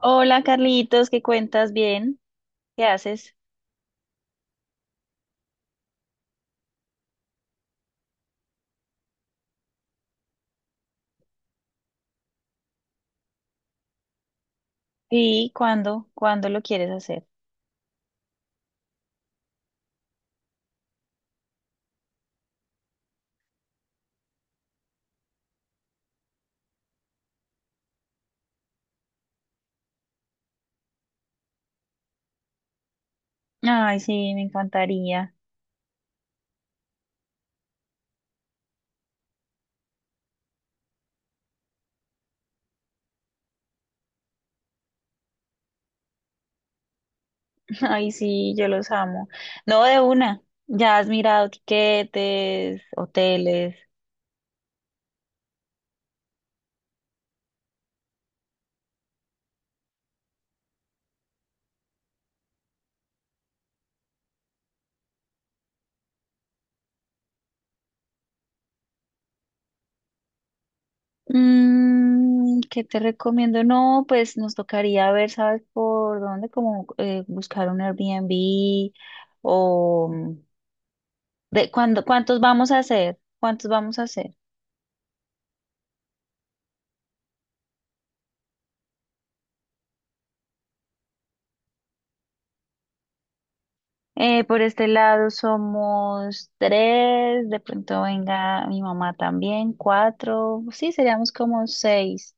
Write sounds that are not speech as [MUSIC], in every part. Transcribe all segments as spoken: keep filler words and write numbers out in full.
Hola Carlitos, ¿qué cuentas? ¿Bien? ¿Qué haces? ¿Y cuándo? ¿Cuándo lo quieres hacer? Ay, sí, me encantaría. [LAUGHS] Ay, sí, yo los amo. No, de una. ¿Ya has mirado tiquetes, hoteles? Mm, ¿qué te recomiendo? No, pues nos tocaría ver, ¿sabes por dónde? Como eh, buscar un Airbnb o mm, de cuándo, ¿cuántos vamos a hacer? ¿Cuántos vamos a hacer? Eh, por este lado somos tres, de pronto venga mi mamá también, cuatro, sí, seríamos como seis.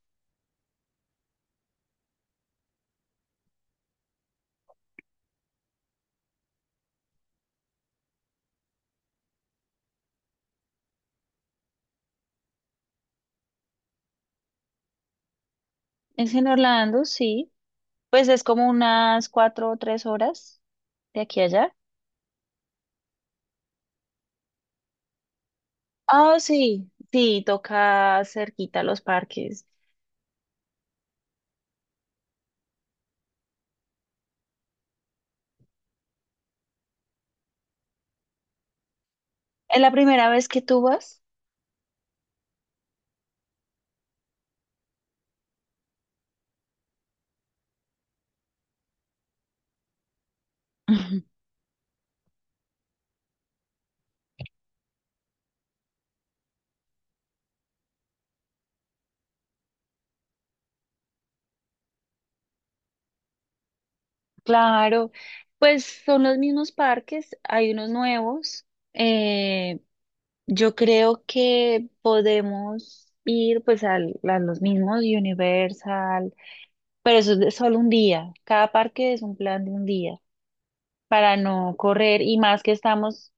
Es en Orlando, sí, pues es como unas cuatro o tres horas de aquí a allá. Ah, sí, sí, toca cerquita los parques. ¿Es la primera vez que tú vas? [LAUGHS] Ujú. Claro, pues son los mismos parques, hay unos nuevos. Yo creo que podemos ir pues al- a los mismos Universal, pero eso es de solo un día. Cada parque es un plan de un día para no correr y más que estamos,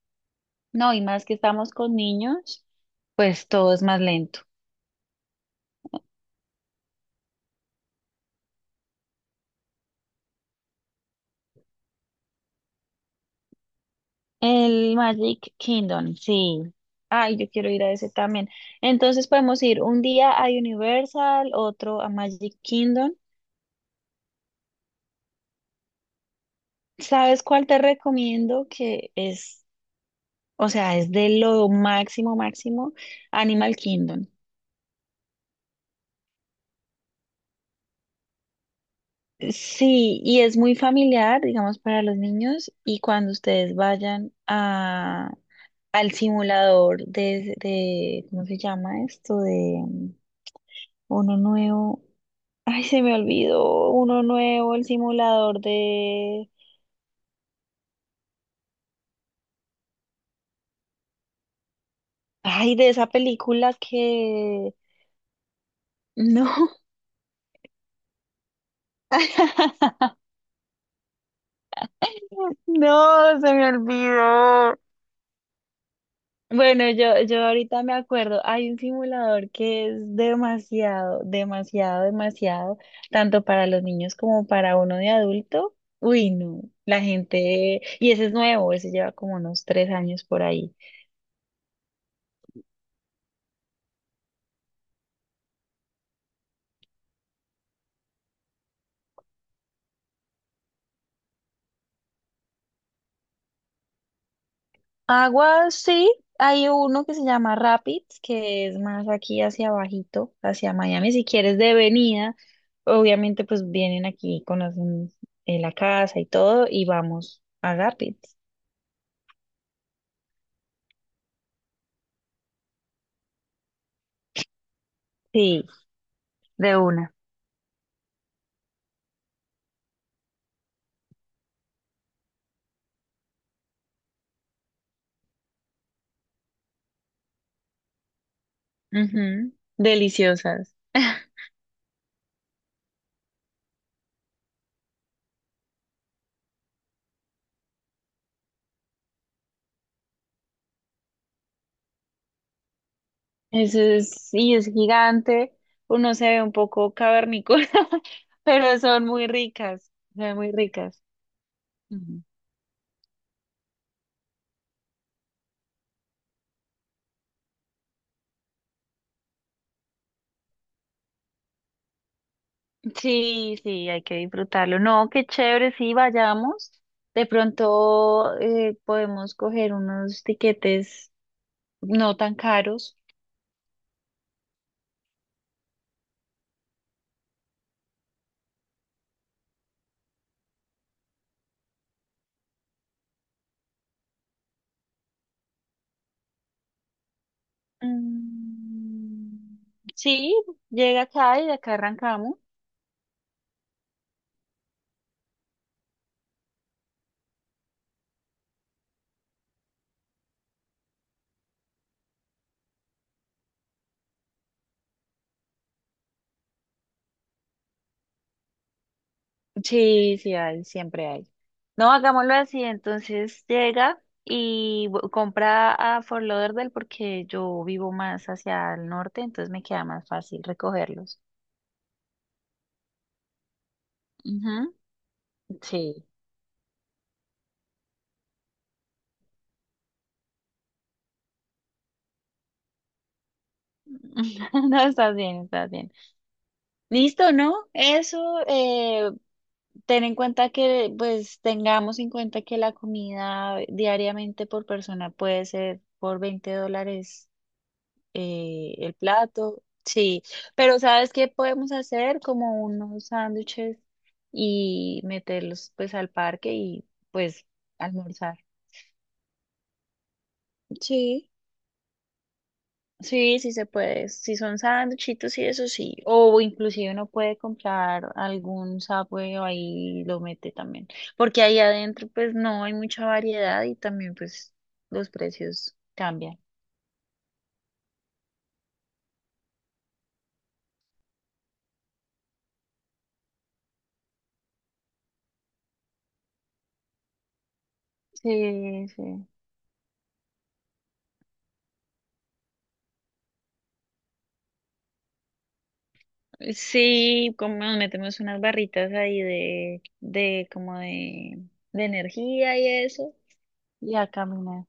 no, y más que estamos con niños, pues todo es más lento. El Magic Kingdom, sí. Ay, yo quiero ir a ese también. Entonces podemos ir un día a Universal, otro a Magic Kingdom. ¿Sabes cuál te recomiendo? Que es, o sea, es de lo máximo, máximo. Animal Kingdom. Sí, y es muy familiar, digamos, para los niños. Y cuando ustedes vayan a, al simulador de, de, ¿cómo se llama esto? De mm, uno nuevo. Ay, se me olvidó. Uno nuevo, el simulador de. Ay, de esa película que. No. [LAUGHS] No, se me olvidó. Bueno, yo, yo ahorita me acuerdo, hay un simulador que es demasiado, demasiado, demasiado, tanto para los niños como para uno de adulto. Uy, no, la gente, y ese es nuevo, ese lleva como unos tres años por ahí. Agua, sí. Hay uno que se llama Rapids, que es más aquí hacia abajito, hacia Miami. Si quieres de venida, obviamente pues vienen aquí, conocen eh, la casa y todo, y vamos a Rapids. Sí, de una. Ujú. Deliciosas. [LAUGHS] Eso es, y es gigante. Uno se ve un poco cavernícola, [LAUGHS] pero son muy ricas. Son muy ricas. Sí, sí, hay que disfrutarlo. No, qué chévere, sí, vayamos. De pronto eh, podemos coger unos tiquetes no tan caros. Mm, sí, llega acá y de acá arrancamos. Sí, sí hay, siempre hay. No, hagámoslo así, entonces llega y bu- compra a Fort Lauderdale porque yo vivo más hacia el norte, entonces me queda más fácil recogerlos. Ujú. Sí. [LAUGHS] No, estás bien, estás bien. Listo, ¿no? Eso, eh, ten en cuenta que, pues, tengamos en cuenta que la comida diariamente por persona puede ser por veinte dólares eh, el plato. Sí, pero ¿sabes qué podemos hacer? Como unos sándwiches y meterlos, pues, al parque y, pues, almorzar. Sí. Sí, sí se puede. Si son sándwichitos y eso sí. O inclusive uno puede comprar algún Subway o ahí lo mete también. Porque ahí adentro pues no hay mucha variedad y también pues los precios cambian. Sí, sí. Sí, como nos metemos unas barritas ahí de, de como de, de energía y eso. Y a caminar.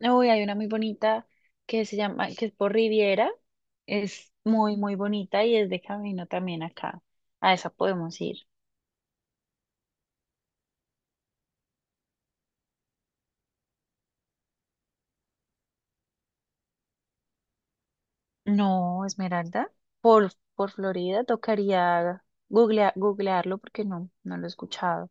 Uy, hay una muy bonita que se llama, que es por Riviera. Es muy, muy bonita y es de camino también acá. A esa podemos ir. No, Esmeralda. Por, por Florida tocaría googlea- googlearlo porque no, no lo he escuchado.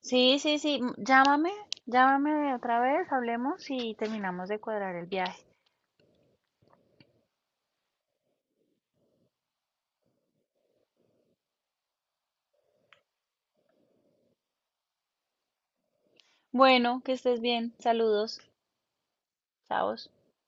Sí, sí, sí. m- Llámame, llámame otra vez, hablemos y terminamos de cuadrar el viaje. Bueno, que estés bien. Saludos. Chao.